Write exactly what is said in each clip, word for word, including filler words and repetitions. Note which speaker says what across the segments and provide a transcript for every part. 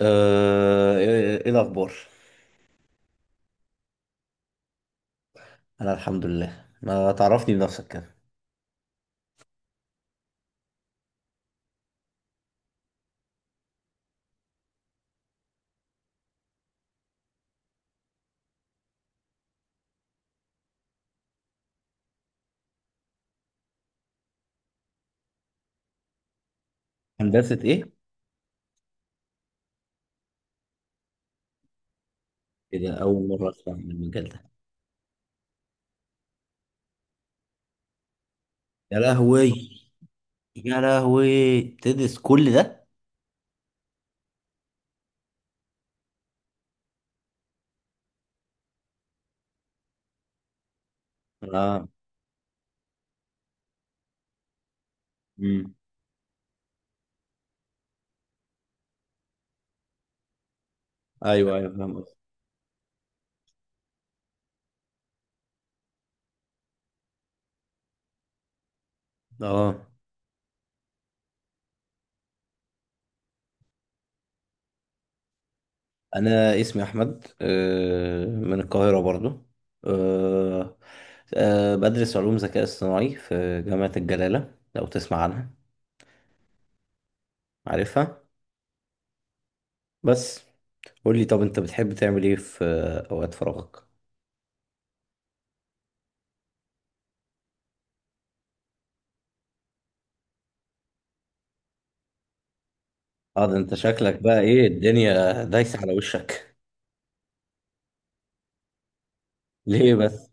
Speaker 1: آه، ايه إيه الاخبار؟ انا الحمد لله، ما تعرفني بنفسك كده؟ هندسة ايه؟ ايه ده، اول مرة اسمع عن المجال ده. يا لهوي. يا لهوي، تدرس كل ده؟ اه. امم. ايوه، ايوه، فاهم قصدك. اه. انا اسمي احمد، آه، من القاهرة برضو. آه، آه، بدرس علوم ذكاء اصطناعي في جامعة الجلالة، لو تسمع عنها. عارفها. بس. قول لي، طب انت بتحب تعمل ايه في آه، اوقات فراغك؟ اه، ده انت شكلك بقى ايه، الدنيا دايسة على وشك. ليه بس؟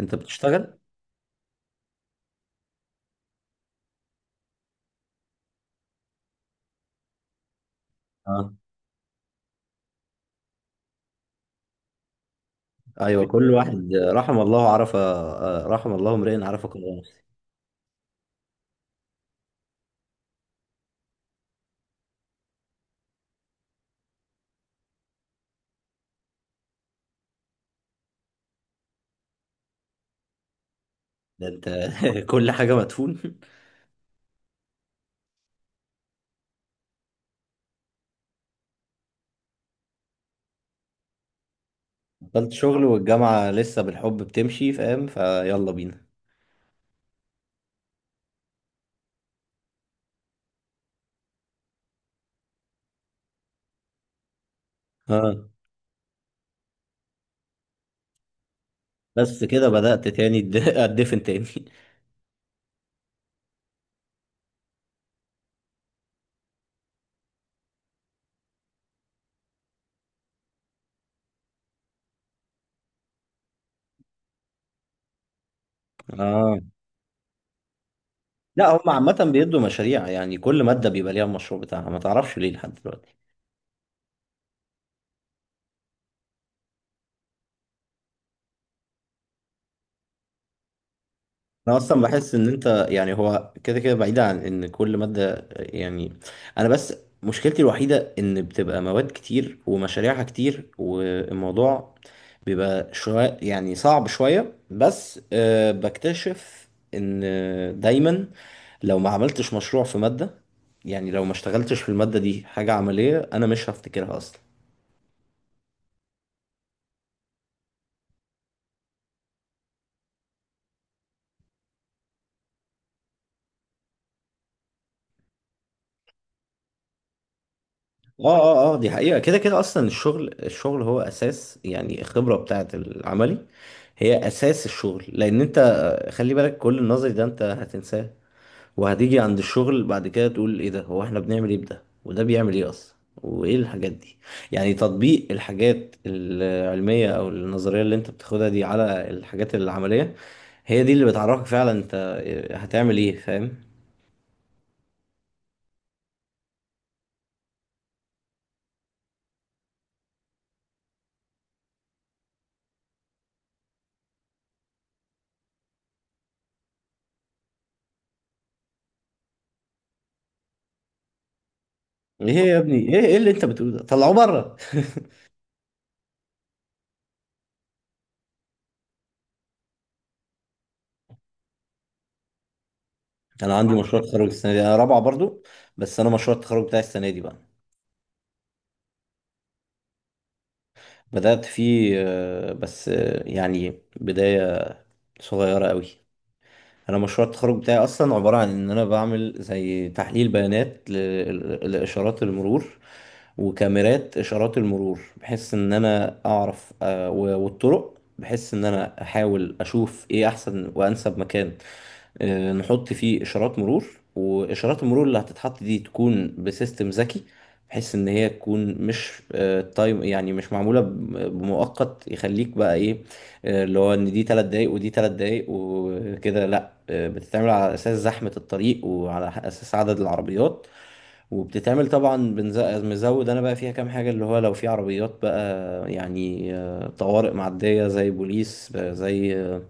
Speaker 1: انت بتشتغل؟ اه. ايوه، كل واحد رحم الله عرف آه، رحم الله امرئ عرف قدر نفسه. ده انت كل حاجة مدفون. بطلت شغل والجامعة لسه بالحب بتمشي، فاهم فيلا بينا؟ اه، بس كده بدأت تاني الد- اتدفن تاني. اه. لا، هم عامة بيدوا مشاريع، يعني كل مادة بيبقى ليها المشروع بتاعها، ما تعرفش ليه لحد دلوقتي. انا اصلا بحس ان انت، يعني هو كده كده بعيد عن ان كل ماده، يعني. انا بس، مشكلتي الوحيده ان بتبقى مواد كتير ومشاريعها كتير، والموضوع بيبقى شويه يعني صعب شويه، بس أه بكتشف ان دايما لو ما عملتش مشروع في ماده، يعني لو ما اشتغلتش في الماده دي حاجه عمليه، انا مش هفتكرها اصلا. اه، اه، اه، دي حقيقة كده كده، اصلا الشغل الشغل هو اساس، يعني الخبرة بتاعت العملي هي اساس الشغل، لان انت آه، خلي بالك، كل النظري ده انت هتنساه، وهتيجي عند الشغل بعد كده تقول ايه ده، هو احنا بنعمل ايه، بده وده بيعمل ايه اصلا، وايه الحاجات دي. يعني تطبيق الحاجات العلمية او النظرية اللي انت بتاخدها دي على الحاجات العملية، هي دي اللي بتعرفك فعلا انت هتعمل ايه، فاهم؟ ايه يا ابني، ايه ايه اللي انت بتقوله ده؟ طلعوه بره! انا عندي مشروع تخرج السنه دي، انا رابعه برضو. بس انا مشروع التخرج بتاعي السنه دي بقى. بدات فيه، آه، بس آه، يعني بدايه صغيره قوي. انا مشروع التخرج بتاعي اصلا عباره عن ان انا بعمل زي تحليل بيانات ل- لاشارات المرور وكاميرات اشارات المرور، بحيث ان انا اعرف آه، و- والطرق، بحيث ان انا احاول اشوف ايه احسن وانسب مكان آه، نحط فيه اشارات مرور. واشارات المرور اللي هتتحط دي تكون بسيستم ذكي، بحيث ان هي تكون مش آه، تايم، يعني مش معموله ب- بمؤقت يخليك بقى ايه، آه، اللي هو ان دي 3 دقايق ودي 3 دقايق وكده، لا، آه، بتتعمل على اساس زحمه الطريق وعلى اساس عدد العربيات. وبتتعمل طبعا، بنز- مزود انا بقى فيها كام حاجه، اللي هو لو في عربيات بقى، يعني آه، طوارئ معديه، زي بوليس، آه، زي آه،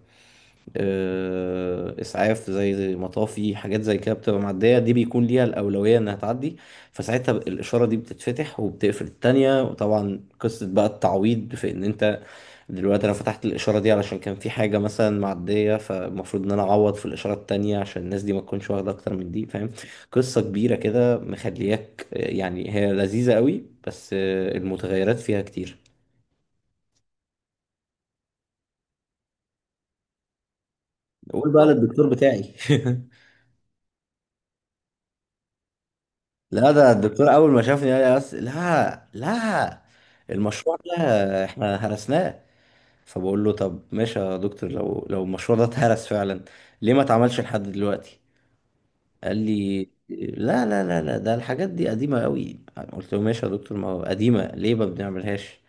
Speaker 1: آه، اسعاف، زي زي مطافي، حاجات زي كده بتبقى معديه، دي بيكون ليها الاولويه انها تعدي. فساعتها ب- الاشاره دي بتتفتح وبتقفل التانيه، وطبعا قصه بقى التعويض في ان انت دلوقتي انا فتحت الاشاره دي علشان كان في حاجه مثلا معديه، فالمفروض ان انا اعوض في الاشاره التانيه عشان الناس دي ما تكونش واخده اكتر من دي، فاهم. قصه كبيره كده مخلياك، آه، يعني هي لذيذه قوي، بس آه، المتغيرات فيها كتير. قول بقى للدكتور بتاعي. لا، ده الدكتور اول ما شافني قال لي بس: لا، لا، المشروع ده احنا هرسناه. فبقول له: طب ماشي يا دكتور، لو لو المشروع ده اتهرس فعلا، ليه ما اتعملش لحد دلوقتي؟ قال لي: لا، لا، لا، لا، ده الحاجات دي قديمة قوي. قلت له: ماشي يا دكتور، ما هو قديمة ليه ما بنعملهاش؟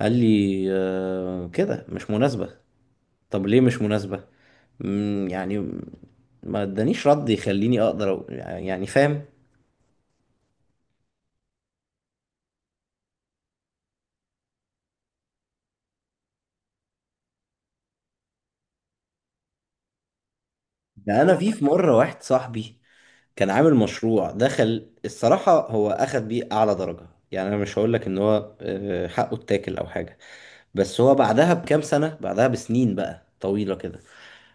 Speaker 1: قال لي: آه، كده مش مناسبة. طب ليه مش مناسبة؟ مم، يعني ما ادانيش رد يخليني اقدر أقول- يعني فاهم. ده انا في في مره واحد صاحبي كان عامل مشروع، دخل الصراحة هو أخد بيه أعلى درجة، يعني أنا مش هقولك إن هو آه، حقه اتاكل أو حاجة. بس هو بعدها بكام سنة، بعدها بسنين بقى طويلة كده،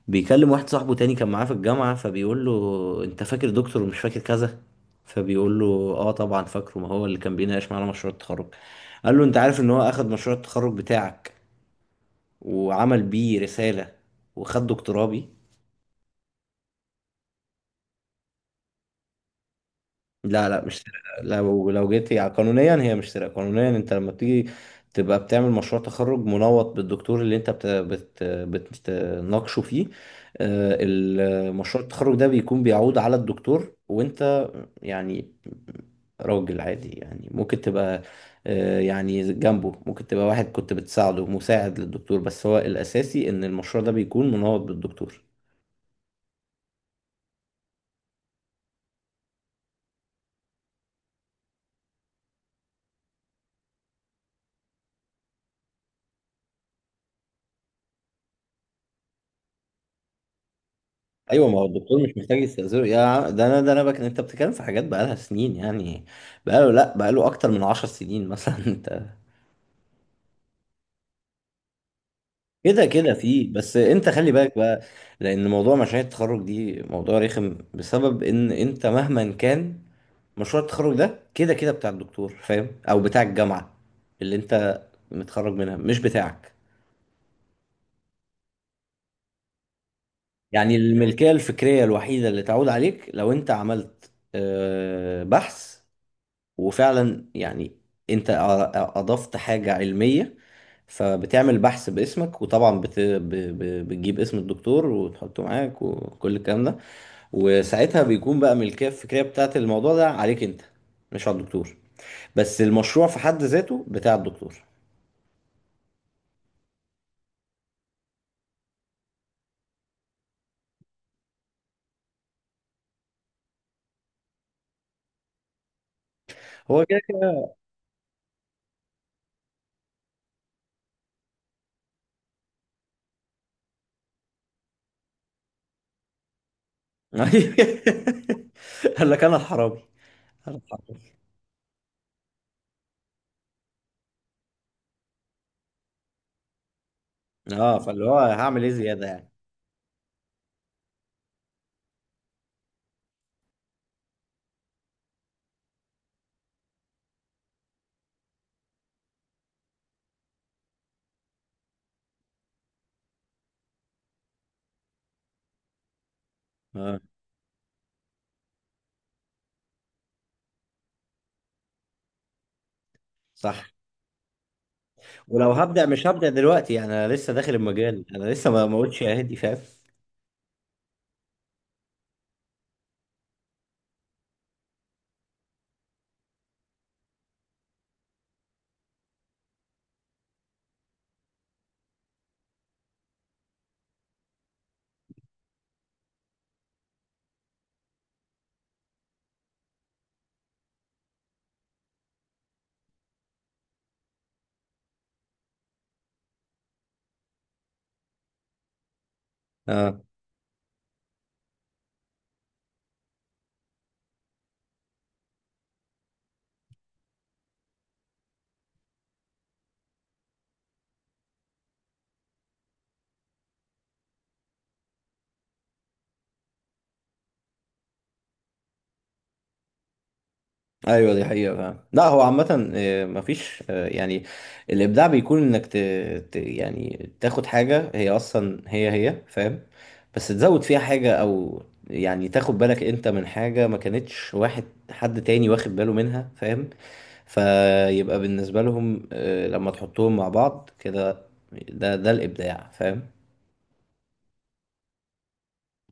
Speaker 1: بيكلم واحد صاحبه تاني كان معاه في الجامعة، فبيقول له: أنت فاكر دكتور ومش فاكر كذا؟ فبيقول له: آه، طبعا فاكره، ما هو اللي كان بيناقش معانا مشروع التخرج. قال له: أنت عارف إن هو أخد مشروع التخرج بتاعك وعمل بيه رسالة وخد دكتوراه بيه؟ لا، لا، مش سرقة، لو لو جيت يعني قانونيا هي مش سرقة، قانونيا انت لما بتيجي تبقى بتعمل مشروع تخرج منوط بالدكتور اللي انت بت بت بتناقشه فيه. آه، المشروع التخرج ده بيكون بيعود على الدكتور، وانت يعني راجل عادي، يعني ممكن تبقى آه، يعني جنبه، ممكن تبقى واحد كنت بتساعده، مساعد للدكتور، بس هو الأساسي ان المشروع ده بيكون منوط بالدكتور. ايوه، ما هو الدكتور مش محتاج يستأذنه يا عم، ده انا ده انا بك، انت بتتكلم في حاجات بقالها سنين يعني، بقاله لا، بقاله اكتر من عشر سنين مثلا. انت كده كده فيه، بس انت خلي بالك بقى، لان موضوع مشاريع التخرج دي موضوع رخم، بسبب ان انت مهما كان، مشروع التخرج ده كده كده بتاع الدكتور، فاهم، او بتاع الجامعة اللي انت متخرج منها، مش بتاعك. يعني الملكية الفكرية الوحيدة اللي تعود عليك لو انت عملت آه، بحث، وفعلا يعني انت ا- اضفت حاجة علمية، فبتعمل بحث باسمك، وطبعا بت... ب... ب... بتجيب اسم الدكتور وتحطه معاك، وكل الكلام ده. وساعتها بيكون بقى ملكية الفكرية بتاعت الموضوع ده عليك انت، مش على الدكتور. بس المشروع في حد ذاته بتاع الدكتور. هو كده كده. قال لك انا الحرامي؟ انا الحرامي. اه، فاللي هو هعمل ايه زيادة يعني؟ اه. صح. ولو هبدأ مش هبدأ دلوقتي، انا لسه داخل المجال، انا لسه ما ما قلتش يا هادي، فاهم. اه، ايوه، دي حقيقة فعلا، لا هو عامة آه، مفيش، آه، يعني الابداع بيكون انك ت... ت... يعني تاخد حاجة هي اصلا هي هي، فاهم، بس تزود فيها حاجة، او يعني تاخد بالك انت من حاجة ما كانتش واحد، حد تاني واخد باله منها، فاهم، فيبقى بالنسبة لهم، آه، لما تحطهم مع بعض كده، ده ده الابداع، فاهم.